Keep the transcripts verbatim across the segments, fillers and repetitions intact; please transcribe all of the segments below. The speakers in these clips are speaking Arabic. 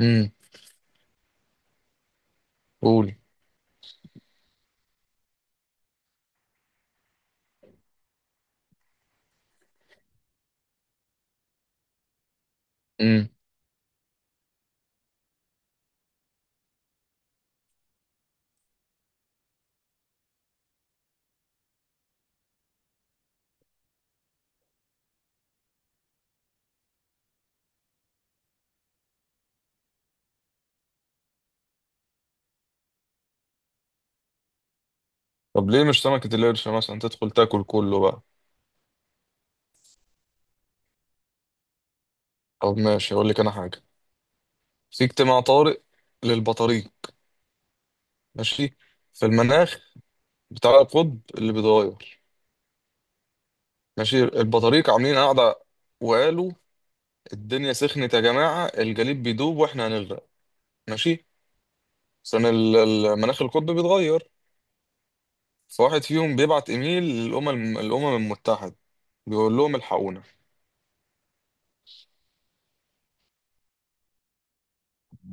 امم قول امم طب ليه مش سمكة القرش مثلا تدخل تاكل كله بقى. طب ماشي اقول لك انا حاجة. في اجتماع طارئ للبطاريق. ماشي. في المناخ بتاع القطب اللي بيتغير. ماشي البطاريق عاملين قاعدة وقالوا الدنيا سخنت يا جماعة، الجليد بيدوب واحنا هنغرق. ماشي. عشان ال- المناخ القطب بيتغير. فواحد فيهم بيبعت ايميل للأمم الأمم المتحدة بيقول لهم الحقونا.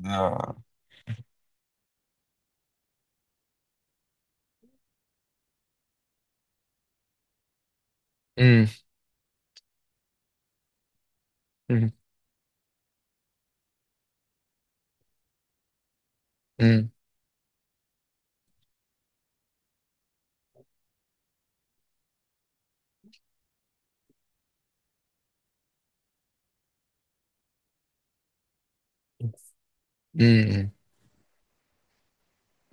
ده- امم امم امم.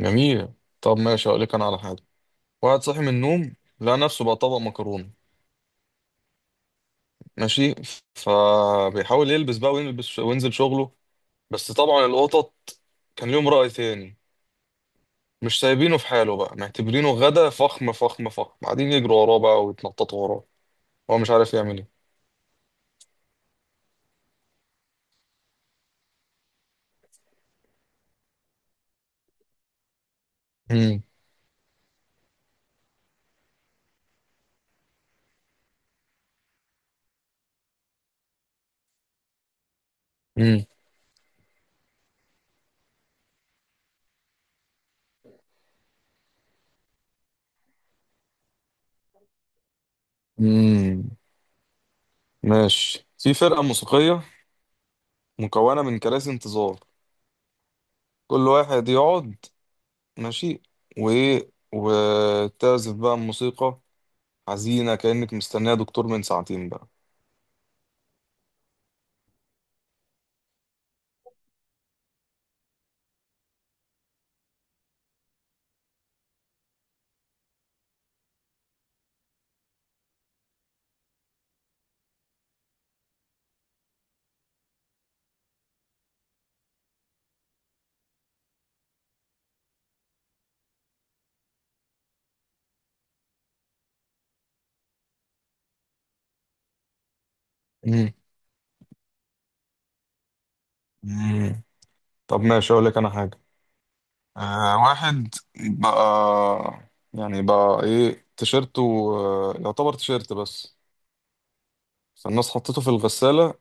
جميل. طب ماشي هقول لك انا على حاجه. واحد صاحي من النوم لقى نفسه بقى طبق مكرونه. ماشي. فبيحاول يلبس بقى ويلبس وينزل شغله. بس طبعا القطط كان ليهم رأي تاني، مش سايبينه في حاله بقى، معتبرينه غدا فخم فخم فخم، قاعدين يجروا وراه بقى ويتنططوا وراه. هو مش عارف يعمل ايه. مم. مم. مم. ماشي. في فرقة موسيقية مكونة من كراسي انتظار، كل واحد يقعد. ماشي. وايه، وتعزف بقى الموسيقى حزينة كأنك مستنية دكتور من ساعتين بقى. مم. مم. طب ماشي أقول لك أنا حاجة. آه واحد بقى، يعني بقى إيه تيشيرته، آه يعتبر تيشيرت بس. فالناس حطيته في الغسالة.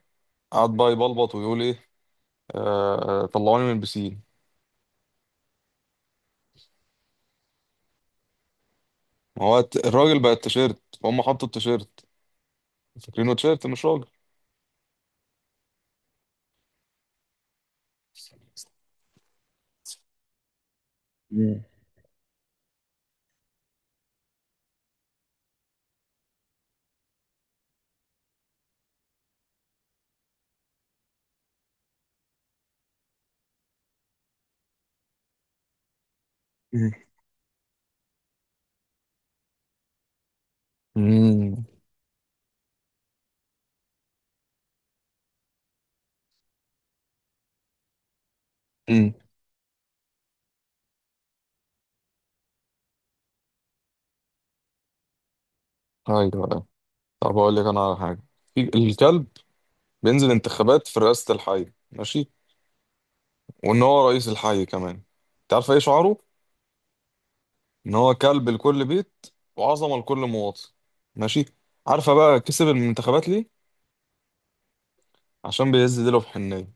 قعد بقى يبلبط ويقول إيه، آه آه، طلعوني من البسين. ما هو الت- الراجل بقى التيشيرت، فهم حطوا التيشيرت فاكرينه تيشيرت مش راجل. مم. مم. امم امم. ايوه. طب اقول لك انا على حاجه. في- الكلب بينزل انتخابات في رئاسه الحي. ماشي. وان هو رئيس الحي كمان. انت عارفه ايه شعاره؟ ان هو كلب لكل بيت، وعظمه لكل مواطن. ماشي. عارفه بقى كسب المنتخبات ليه؟ عشان بيهز ديله في حنيه.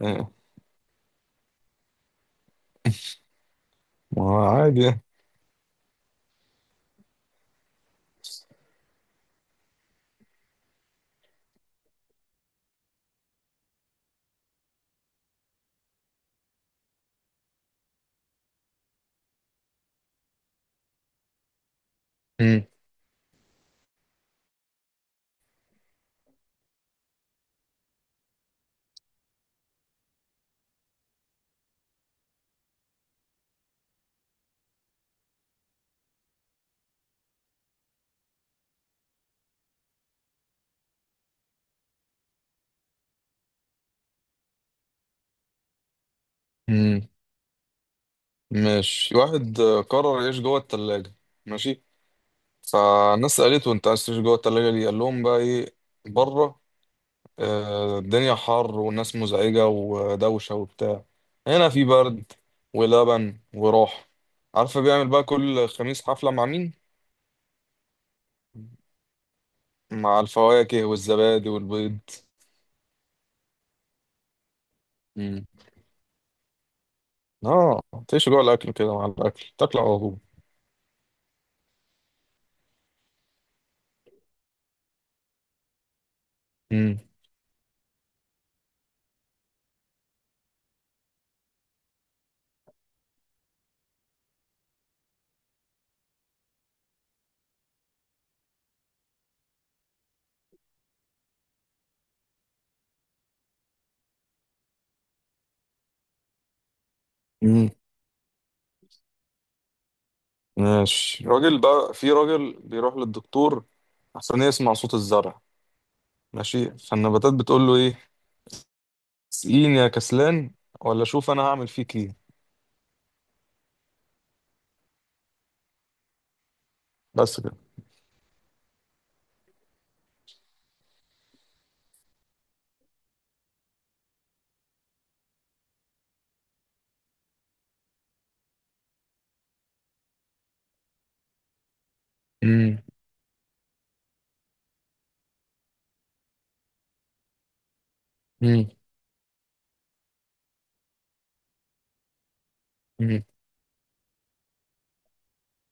اه. ما هو عادي يعني. مم. مم. ماشي واحد آه، قرر يعيش جوه التلاجة. ماشي. فالناس سألته انت عايز تعيش جوه التلاجة ليه؟ قال لهم بقى ايه؟ بره آه، الدنيا حر والناس مزعجة ودوشة وبتاع. هنا في برد ولبن وراحة. عارفة بيعمل بقى كل خميس حفلة مع مين؟ مع الفواكه والزبادي والبيض. مم. اه. تعيش جوه الأكل كده، مع الأكل تاكل على طول. مم. مم. ماشي راجل، بقى في راجل بيروح للدكتور عشان يسمع صوت الزرع. ماشي. فالنباتات بتقول له ايه؟ سقيني يا كسلان ولا شوف انا هعمل فيك ايه. بس كده. مم. مم. مم.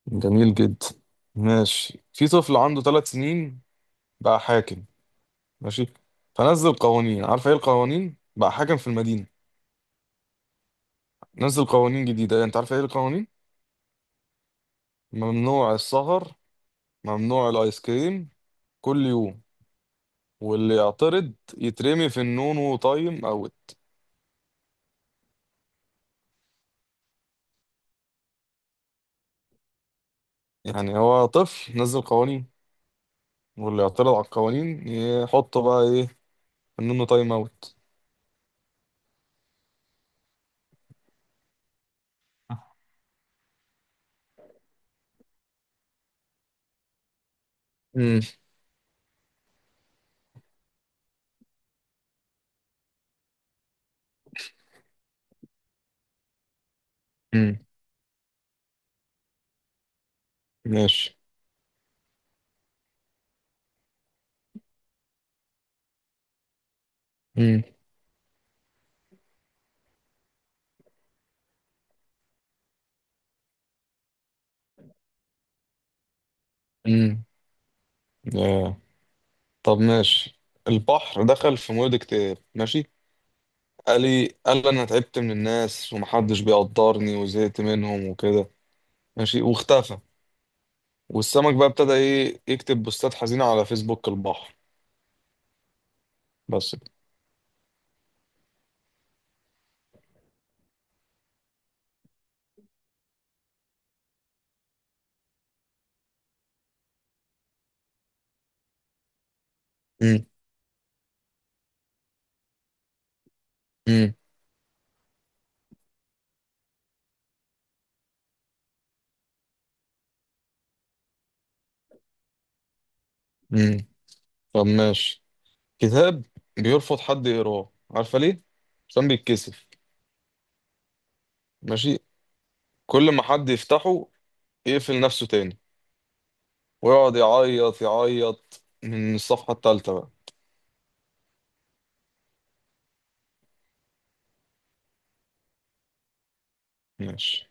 جميل جدا. ماشي. في طفل عنده ثلاث سنين بقى حاكم. ماشي. فنزل قوانين. عارف ايه القوانين بقى حاكم في المدينة؟ نزل قوانين جديدة. يعني انت عارف ايه القوانين؟ ممنوع السهر، ممنوع الايس كريم كل يوم، واللي يعترض يترمي في النون وطايم او يعني، هو طفل نزل قوانين، واللي يعترض على القوانين يحطه بقى ايه؟ في النون وطايم اوت. امم امم. ماشي. امم امم. طب ماشي. البحر دخل في مود اكتئاب. ماشي. قال لي قال لي انا تعبت من الناس ومحدش بيقدرني وزهقت منهم وكده. ماشي واختفى. والسمك بقى ابتدى ايه، يكتب بوستات حزينة على فيسبوك البحر. بس كده. مم. مم. مم. طب ماشي. كتاب بيرفض حد يقراه. عارفة ليه؟ عشان بيتكسف. ماشي. كل ما حد يفتحه يقفل نفسه تاني ويقعد يعيط يعيط من الصفحة التالتة بقى. ماشي